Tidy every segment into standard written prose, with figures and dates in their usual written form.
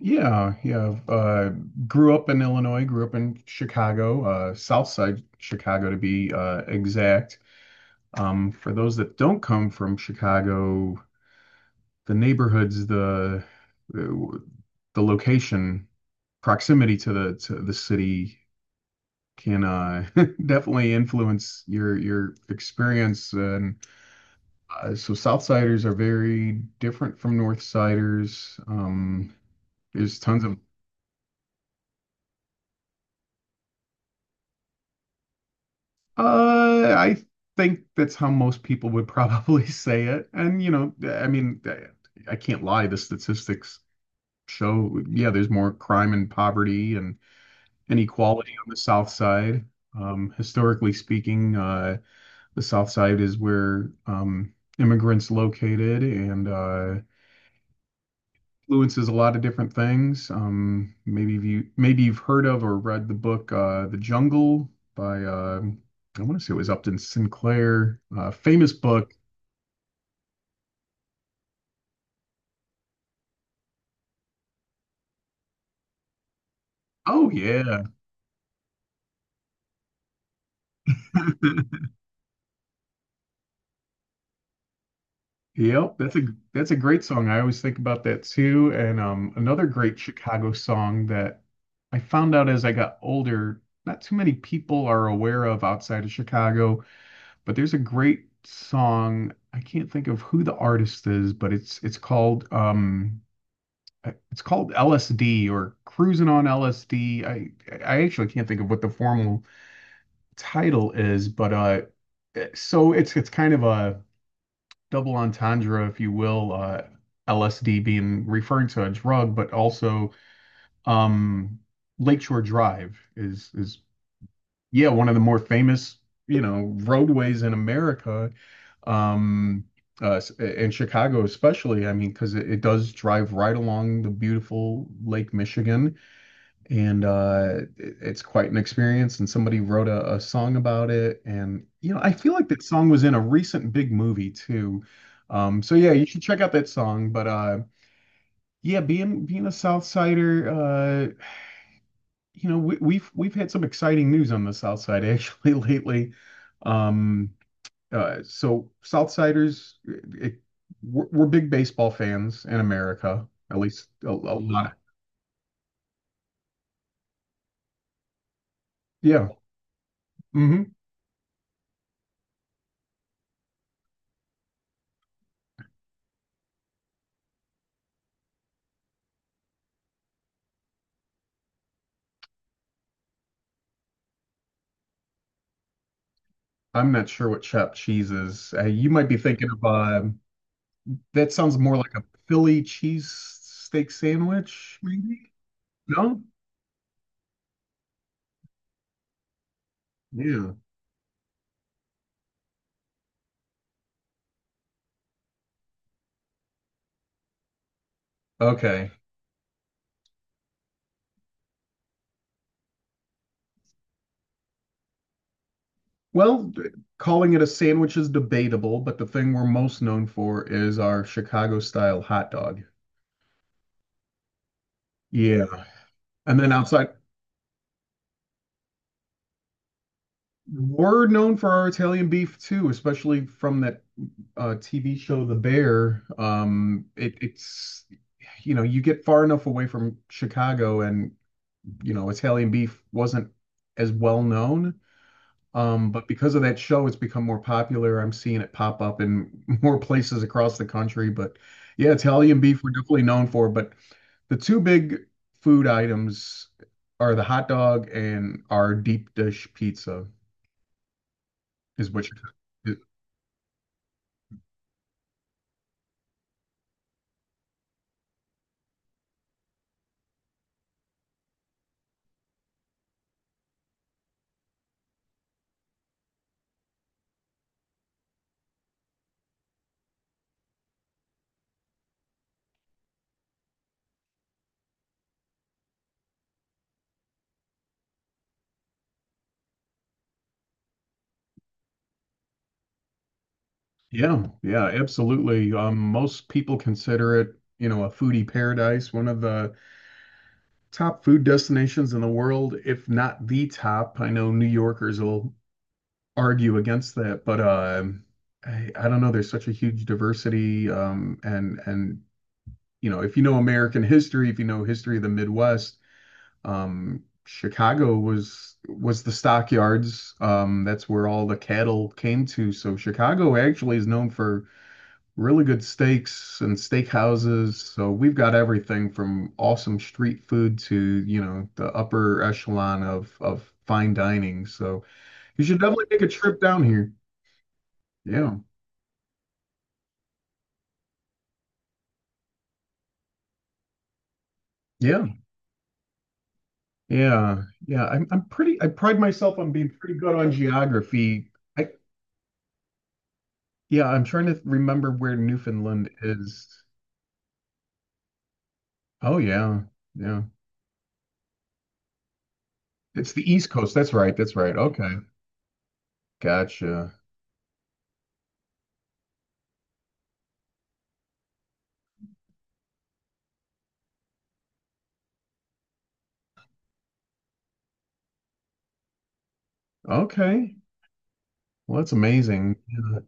Yeah, yeah. Grew up in Illinois, grew up in Chicago, South Side Chicago to be exact. For those that don't come from Chicago, the neighborhoods, the location, proximity to the city can definitely influence your experience. And Southsiders are very different from Northsiders. There's tons of I think that's how most people would probably say it. And, you know, I mean, I can't lie. The statistics show, yeah, there's more crime and poverty and inequality on the South Side. Historically speaking, the South Side is where immigrants located, and influences a lot of different things. Maybe you've heard of or read the book The Jungle by I want to say it was Upton Sinclair. Famous book. Oh yeah. Yep, that's a great song. I always think about that too. And another great Chicago song that I found out as I got older, not too many people are aware of outside of Chicago, but there's a great song. I can't think of who the artist is, but it's called it's called LSD or cruising on LSD. I actually can't think of what the formal title is, but so it's kind of a double entendre, if you will. LSD being referring to a drug, but also um, Lakeshore Drive is, yeah, one of the more famous, you know, roadways in America. Um, in Chicago especially, I mean, because it does drive right along the beautiful Lake Michigan. And it's quite an experience, and somebody wrote a song about it, and, you know, I feel like that song was in a recent big movie too. So yeah, you should check out that song. But Yeah, being a South Sider, you know, we've had some exciting news on the South Side actually lately. Um uh so Southsiders, it, we're big baseball fans in America, at least a lot. Yeah. Hmm. I'm not sure what chopped cheese is. You might be thinking of that sounds more like a Philly cheese steak sandwich, maybe? No? Yeah. Okay. Well, d- calling it a sandwich is debatable, but the thing we're most known for is our Chicago style hot dog. Yeah. And then outside, we're known for our Italian beef too, especially from that TV show The Bear. It's you know, you get far enough away from Chicago and, you know, Italian beef wasn't as well known. But because of that show, it's become more popular. I'm seeing it pop up in more places across the country. But yeah, Italian beef we're definitely known for. But the two big food items are the hot dog and our deep dish pizza, is what you're… Yeah, yeah, absolutely. Most people consider it, you know, a foodie paradise, one of the top food destinations in the world, if not the top. I know New Yorkers will argue against that, but I don't know. There's such a huge diversity, and you know, if you know American history, if you know history of the Midwest, Chicago was the stockyards. That's where all the cattle came to. So Chicago actually is known for really good steaks and steakhouses. So we've got everything from awesome street food to, you know, the upper echelon of fine dining. So you should definitely make a trip down here. Yeah, yeah, yeah, yeah. I'm pretty, I pride myself on being pretty good on geography. I Yeah, I'm trying to remember where Newfoundland is. Oh yeah, yeah. It's the East Coast. That's right. That's right. Okay. Gotcha. Okay. Well, that's amazing. Yeah.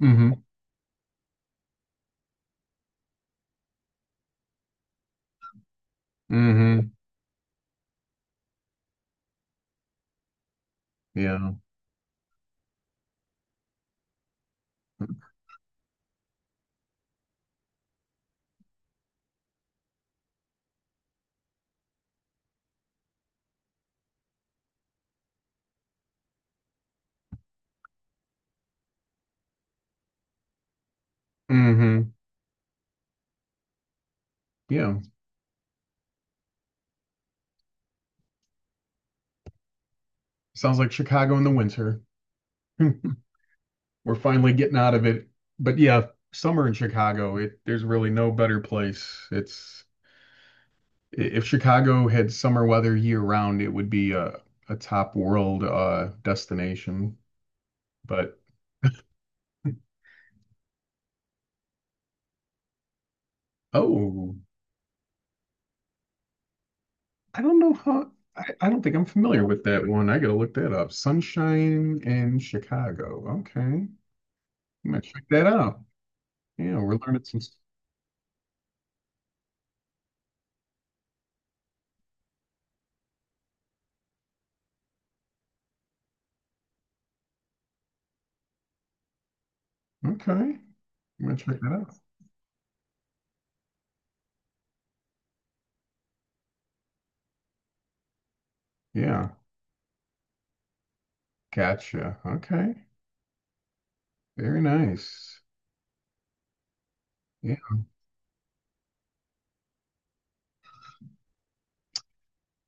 Mm-hmm. Mm-hmm. Yeah. Mm-hmm. Yeah. Sounds like Chicago in the winter. We're finally getting out of it. But yeah, summer in Chicago, it there's really no better place. It's if Chicago had summer weather year round, it would be a top world destination. But Oh, I don't know how. I don't think I'm familiar with that one. I gotta look that up. Sunshine and Chicago. Okay, I'm gonna check that out. Yeah, we're learning some. S- Okay, I'm gonna check that out. Yeah, gotcha. Okay, very nice. Yeah,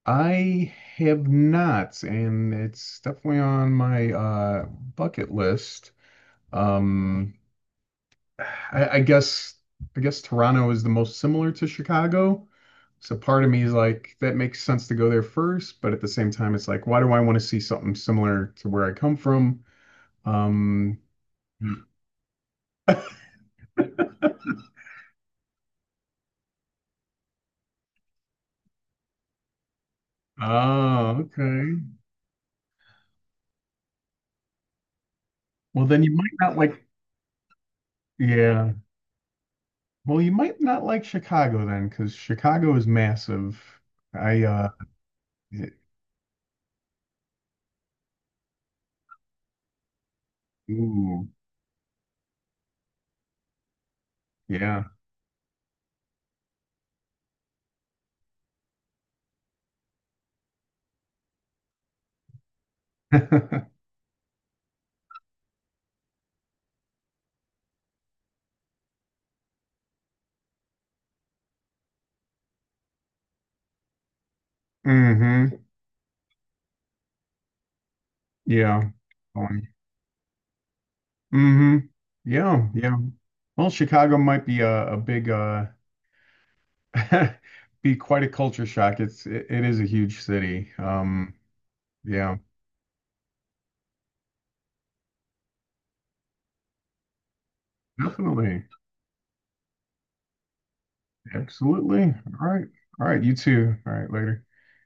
I have not, and it's definitely on my bucket list. Um, I I guess I guess Toronto is the most similar to Chicago. So part of me is like, that makes sense to go there first, but at the same time, it's like, why do I want to see something similar to where I come from? Um, oh, okay. Well, then you might not like, yeah. Well, you might not like Chicago then, because Chicago is massive. I, uh, y- Ooh, yeah. Mm-hmm. Yeah. Mm-hmm. Yeah. Yeah. Well, Chicago might be a big be quite a culture shock. It is a huge city. Yeah, definitely. Absolutely. All right. All right, you too. All right, later.